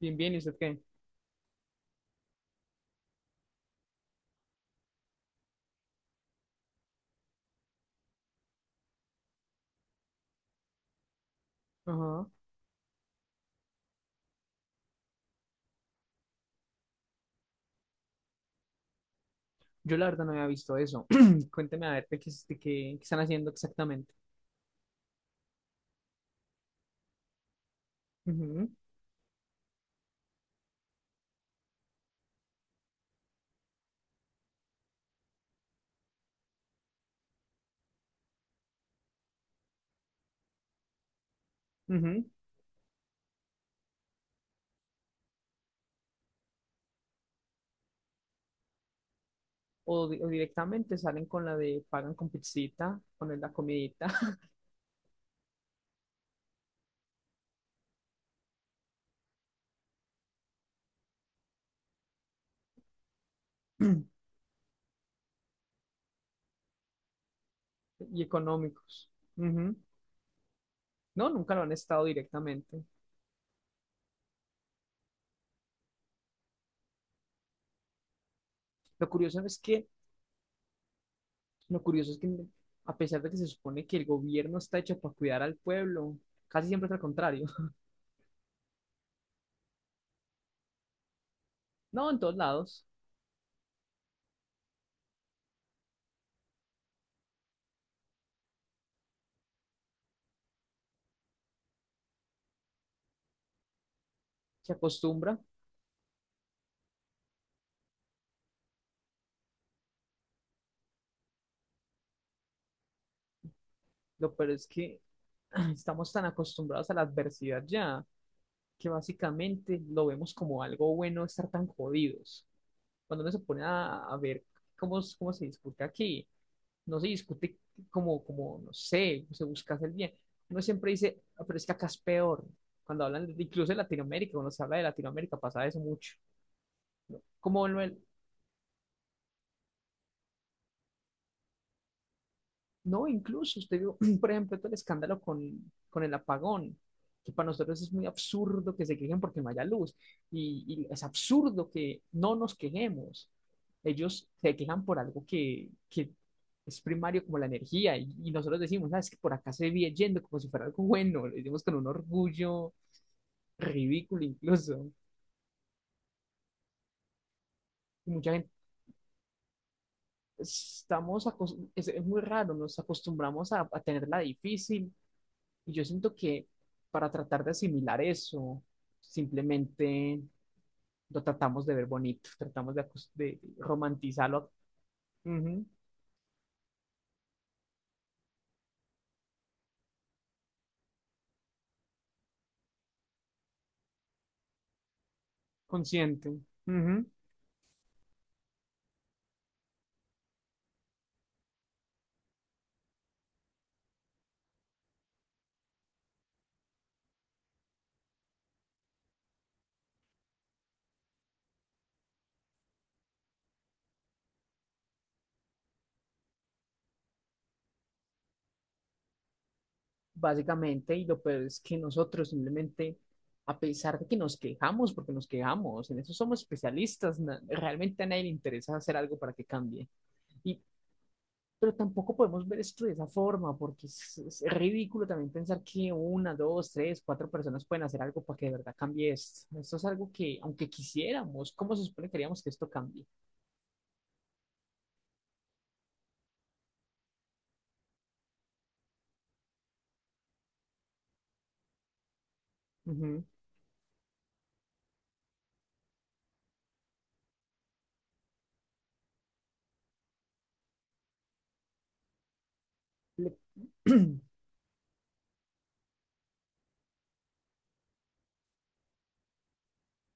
Bien, bien, ¿y usted qué? Ajá. Yo la verdad no había visto eso. Cuénteme a ver de qué, es- de qué- qué están haciendo exactamente. Ujú, ujú. O, o directamente salen con la de pagan con pizzita, ponen la comidita y económicos. Ujú. No, nunca lo han estado directamente. Lo curioso es que, lo curioso es que a pesar de que se supone que el gobierno está hecho para cuidar al pueblo, casi siempre es al contrario. No, en todos lados se acostumbra. Lo peor es que estamos tan acostumbrados a la adversidad ya, que básicamente lo vemos como algo bueno estar tan jodidos. Cuando uno se pone a ver cómo se discute aquí, no se discute no sé, se busca hacer bien. Uno siempre dice, "Ah, pero es que acá es peor. Cuando incluso de Latinoamérica, cuando se habla de Latinoamérica, pasa eso mucho. Como lo No, incluso usted vio, por ejemplo, todo el escándalo con el apagón, que para nosotros es muy absurdo que se quejen porque no haya luz, y es absurdo que no nos quejemos. Ellos se quejan por algo que es primario como la energía, y nosotros decimos, sabes que por acá se viene yendo como si fuera algo bueno, lo decimos con un orgullo ridículo incluso. Y mucha gente, es muy raro, nos acostumbramos a tenerla difícil. Y yo siento que para tratar de asimilar eso, simplemente lo tratamos de ver bonito, tratamos de romantizarlo. Ujú, consciente, ujú, básicamente. Y lo peor es que nosotros simplemente, a pesar de que nos quejamos, porque nos quejamos, en eso somos especialistas, realmente a nadie le interesa hacer algo para que cambie. Y pero tampoco podemos ver esto de esa forma, porque es ridículo también pensar que una, dos, tres, cuatro personas pueden hacer algo para que de verdad cambie esto. Esto es algo que, aunque quisiéramos, ¿cómo se supone que queríamos que esto cambie? Ujú. Le,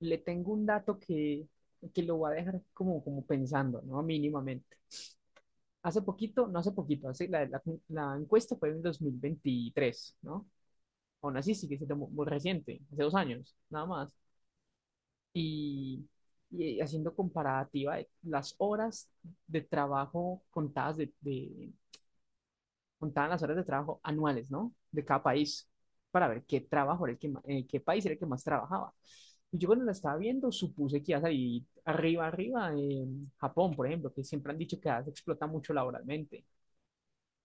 le tengo un dato que lo voy a dejar como, como pensando, ¿no? Mínimamente. No hace poquito, hace, la encuesta fue en 2023, ¿no? Aún así sigue siendo muy, muy reciente, hace 2 años, nada más. Y, y haciendo comparativa de las horas de trabajo contaban las horas de trabajo anuales, ¿no? De cada país, para ver qué trabajo era el qué país era el que más trabajaba. Y yo cuando la estaba viendo supuse que iba a salir arriba, arriba, en Japón, por ejemplo, que siempre han dicho que se explota mucho laboralmente.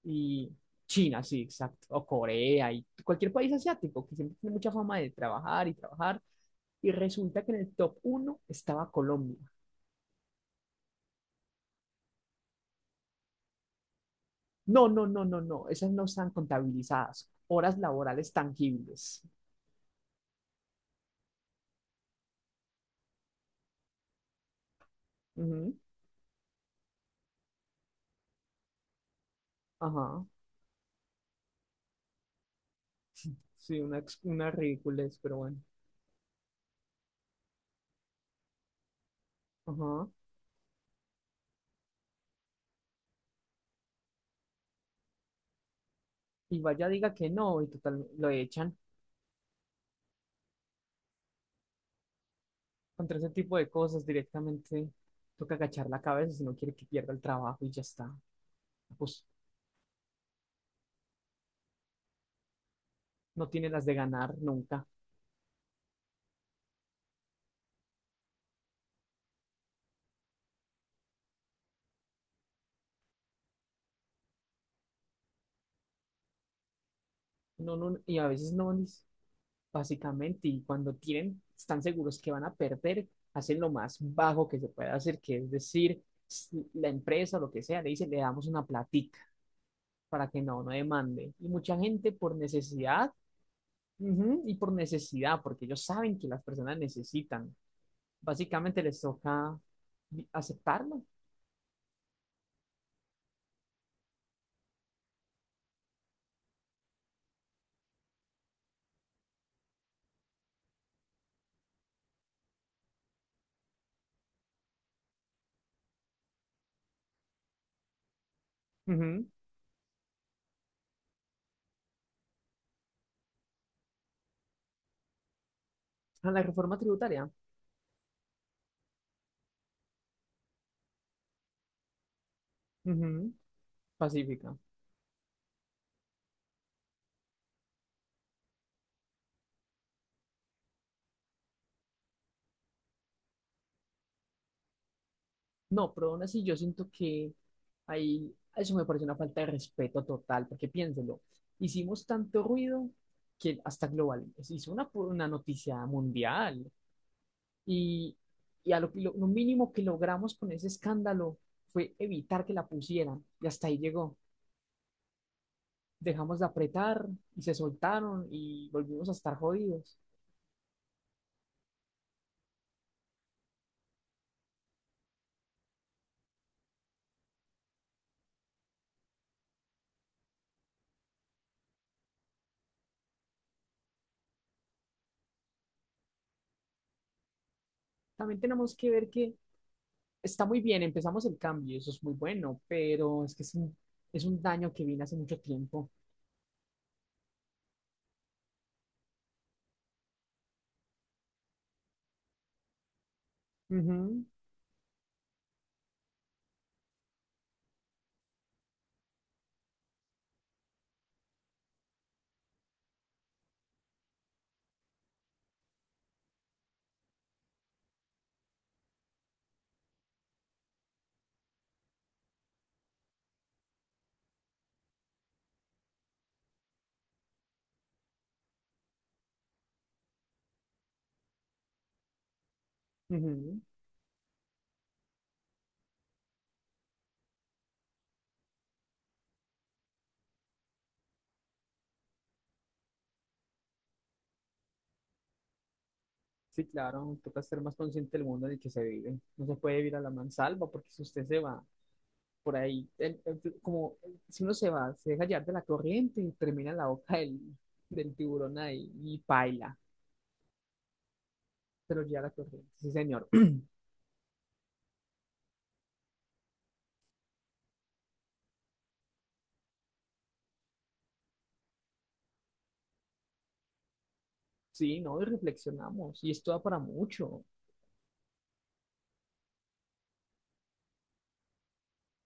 Y China, sí, exacto, o Corea, y cualquier país asiático que siempre tiene mucha fama de trabajar y trabajar. Y resulta que en el top uno estaba Colombia. No, no, no, no, no. Esas no están contabilizadas. Horas laborales tangibles. Ujú. Ajá. Sí, una, una ridiculez, pero bueno. Ajá. Y vaya diga que no, y total, lo echan. Contra ese tipo de cosas directamente toca agachar la cabeza si no quiere que pierda el trabajo y ya está. Pues no tiene las de ganar nunca. No, no, y a veces básicamente, y cuando tienen, están seguros que van a perder, hacen lo más bajo que se pueda hacer, que es decir, la empresa o lo que sea, le dice le damos una platica para que no demande. Y mucha gente por necesidad, ujú, y por necesidad, porque ellos saben que las personas necesitan, básicamente les toca aceptarlo. Ujú. A la reforma tributaria, ujú, pacífica. No, pero aún así yo siento que ahí eso me parece una falta de respeto total, porque piénselo, hicimos tanto ruido que hasta global, se hizo una noticia mundial, y, y a lo mínimo que logramos con ese escándalo fue evitar que la pusieran y hasta ahí llegó. Dejamos de apretar y se soltaron y volvimos a estar jodidos. También tenemos que ver que está muy bien, empezamos el cambio, eso es muy bueno, pero es que es un daño que viene hace mucho tiempo. Ujú, ujú. Sí, claro, toca ser más consciente del mundo en el que se vive. No se puede vivir a la mansalva porque si usted se va por ahí, si uno se va, se deja llevar de la corriente y termina en la boca del tiburón ahí y paila, pero ya la corriente. Sí, señor. Sí, no, y reflexionamos y esto da para mucho.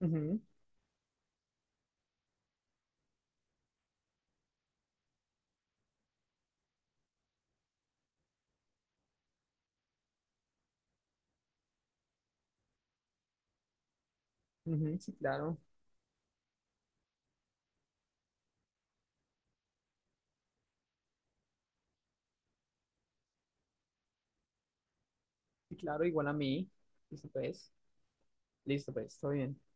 Ujú, sí, claro, sí, claro, igual a mí. Listo, pues, listo, pues, todo bien.